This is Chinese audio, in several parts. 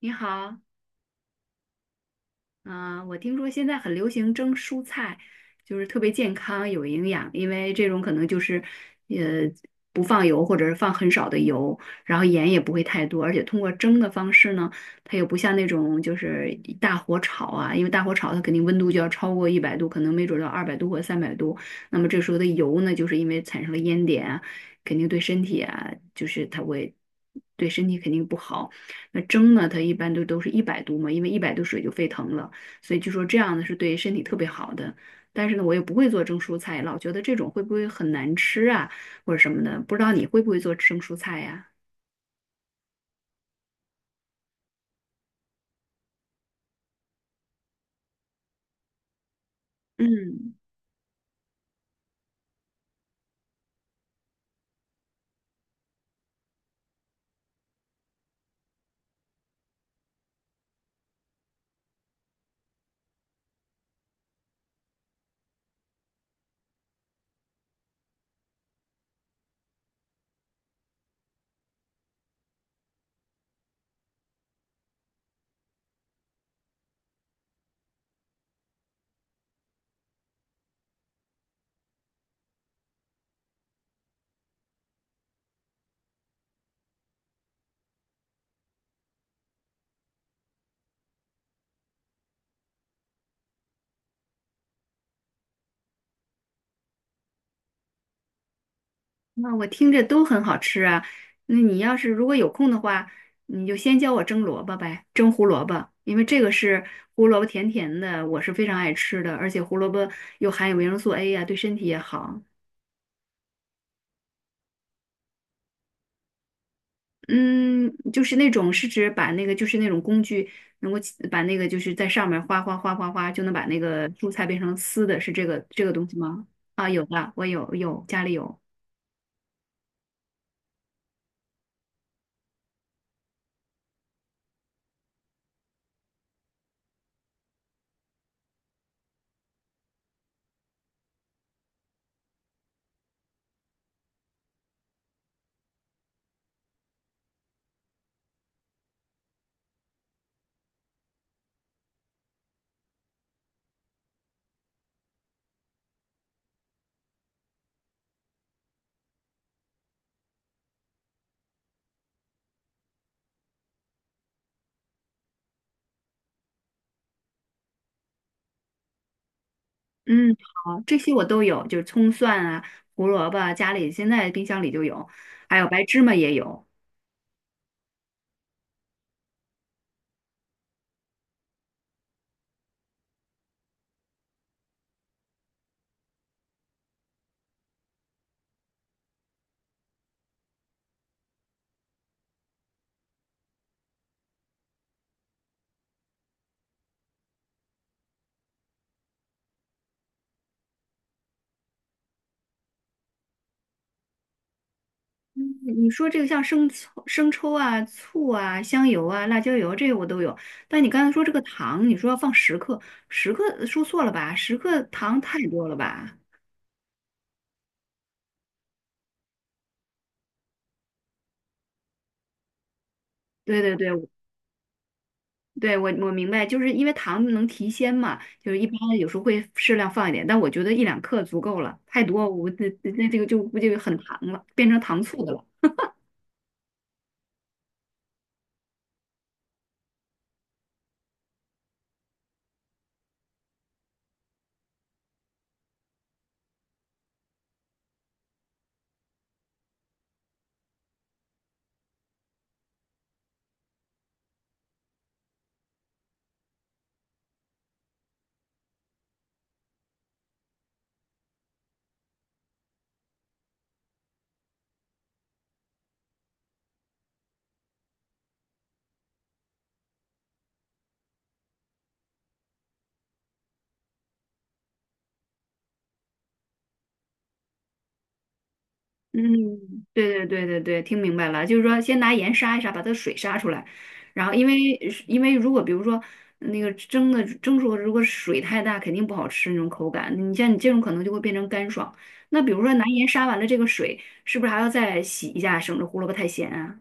你好，我听说现在很流行蒸蔬菜，就是特别健康、有营养，因为这种可能就是，呃，不放油或者是放很少的油，然后盐也不会太多，而且通过蒸的方式呢，它又不像那种就是一大火炒啊，因为大火炒它肯定温度就要超过一百度，可能没准儿到二百度或三百度，那么这时候的油呢，就是因为产生了烟点啊，肯定对身体啊，就是它会对身体肯定不好。那蒸呢，它一般都是一百度嘛，因为一百度水就沸腾了。所以就说这样的是对身体特别好的。但是呢，我又不会做蒸蔬菜，老觉得这种会不会很难吃啊，或者什么的。不知道你会不会做蒸蔬菜呀、嗯，那我听着都很好吃啊。那你要是如果有空的话，你就先教我蒸萝卜呗，蒸胡萝卜，因为这个是胡萝卜甜甜的，我是非常爱吃的，而且胡萝卜又含有维生素 A 呀、对身体也好。嗯，就是那种是指把那个就是那种工具能够起把那个就是在上面哗哗哗哗哗就能把那个蔬菜变成丝的，是这个东西吗？啊，有的，我家里有。嗯，好，这些我都有，就是葱蒜啊、胡萝卜啊家里现在冰箱里就有，还有白芝麻也有。你说这个像生抽啊、醋啊、香油啊、辣椒油这些我都有，但你刚才说这个糖，你说要放十克，十克说错了吧？十克糖太多了吧？对对对，对，我我明白，就是因为糖能提鲜嘛，就是一般有时候会适量放一点，但我觉得1到2克足够了，太多我那这个就估计很糖了，变成糖醋的了。嗯，对对对对对，听明白了，就是说先拿盐杀一杀，把它的水杀出来，然后因为如果比如说那个蒸的蒸熟，如果水太大，肯定不好吃那种口感。你像你这种可能就会变成干爽。那比如说拿盐杀完了这个水，是不是还要再洗一下，省着胡萝卜太咸啊？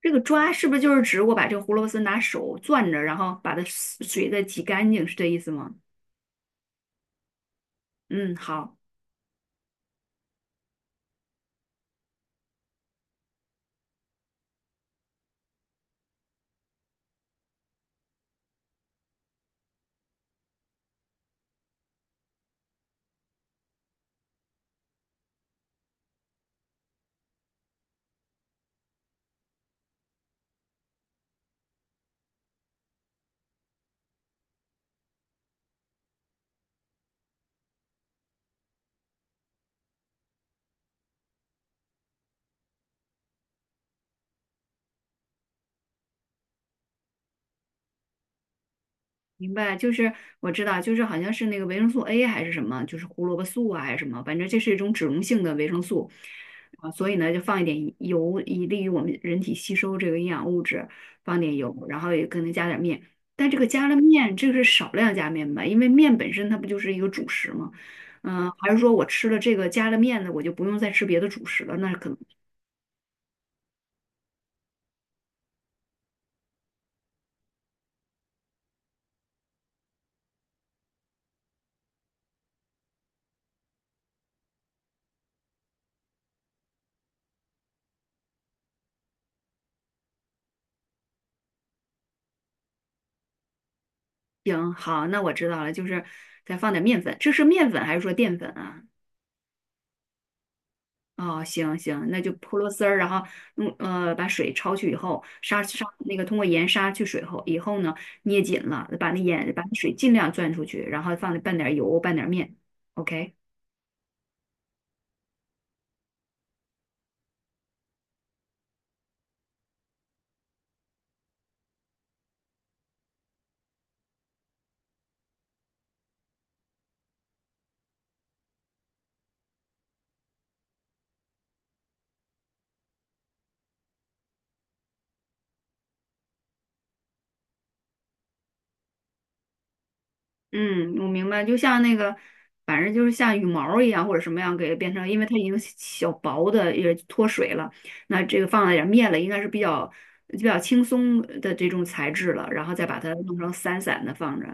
这个抓是不是就是指我把这个胡萝卜丝拿手攥着，然后把它水再挤干净，是这意思吗？嗯，好，明白。就是我知道，就是好像是那个维生素 A 还是什么，就是胡萝卜素啊还是什么，反正这是一种脂溶性的维生素啊，所以呢就放一点油，以利于我们人体吸收这个营养物质，放点油，然后也可能加点面。但这个加了面，这个是少量加面吧？因为面本身它不就是一个主食吗？嗯，还是说我吃了这个加了面的，我就不用再吃别的主食了？那可能行，好，那我知道了，就是再放点面粉，这是面粉还是说淀粉啊？哦，行行，那就泼螺丝儿，然后用把水焯去以后，杀杀那个通过盐杀去水后以后呢，捏紧了，把那盐把那水尽量攥出去，然后放半点油，拌点面，OK。嗯，我明白，就像那个，反正就是像羽毛儿一样或者什么样给变成，因为它已经小薄的也脱水了，那这个放了点儿面了，应该是比较轻松的这种材质了，然后再把它弄成散散的放着。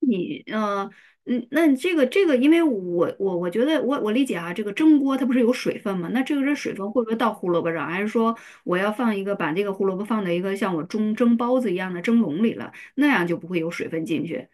你呃，嗯，那你这个，因为我觉得我理解啊，这个蒸锅它不是有水分吗？那这个这水分会不会到胡萝卜上，还是说我要放一个把这个胡萝卜放在一个像我蒸蒸包子一样的蒸笼里了，那样就不会有水分进去？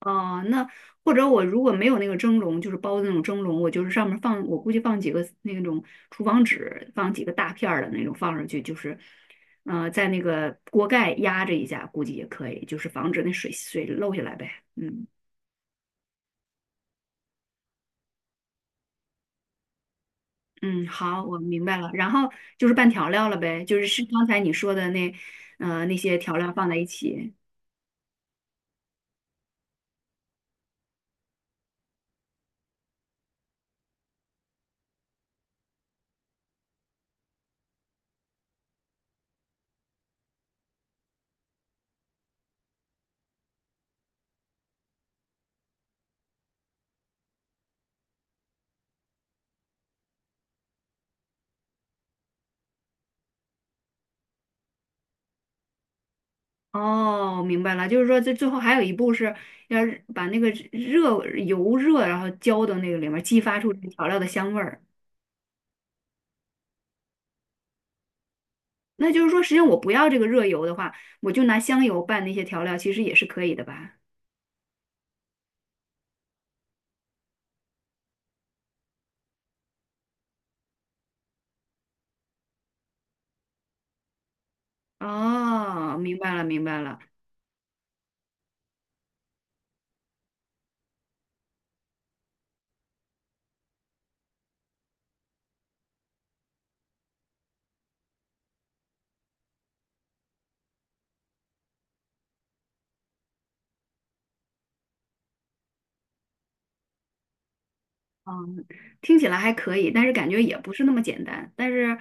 哦，那或者我如果没有那个蒸笼，就是包的那种蒸笼，我就是上面放，我估计放几个那种厨房纸，放几个大片儿的那种放上去，就是，在那个锅盖压着一下，估计也可以，就是防止那水漏下来呗。嗯嗯，好，我明白了。然后就是是是拌调料了呗，就是是刚才你说的那那那些调料放在一起。哦，明白了，就是说这最后还有一步是要是把那个热油热，然后浇到那个里面，激发出这个调料的香味儿。那就是说，实际上我不要这个热油的话，我就拿香油拌那些调料，其实也是可以的吧？哦，明白了，明白了。嗯，听起来还可以，但是感觉也不是那么简单。但是，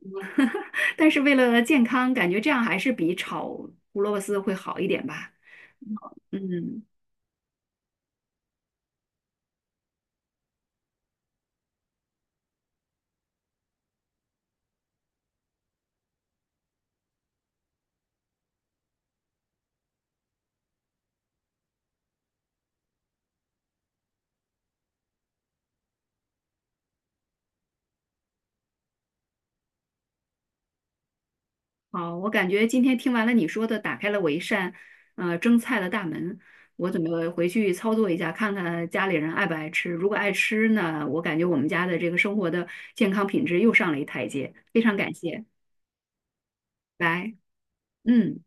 但是为了健康，感觉这样还是比炒胡萝卜丝会好一点吧？嗯。好，我感觉今天听完了你说的，打开了我一扇蒸菜的大门。我准备回去操作一下，看看家里人爱不爱吃。如果爱吃呢，我感觉我们家的这个生活的健康品质又上了一台阶。非常感谢，拜。嗯。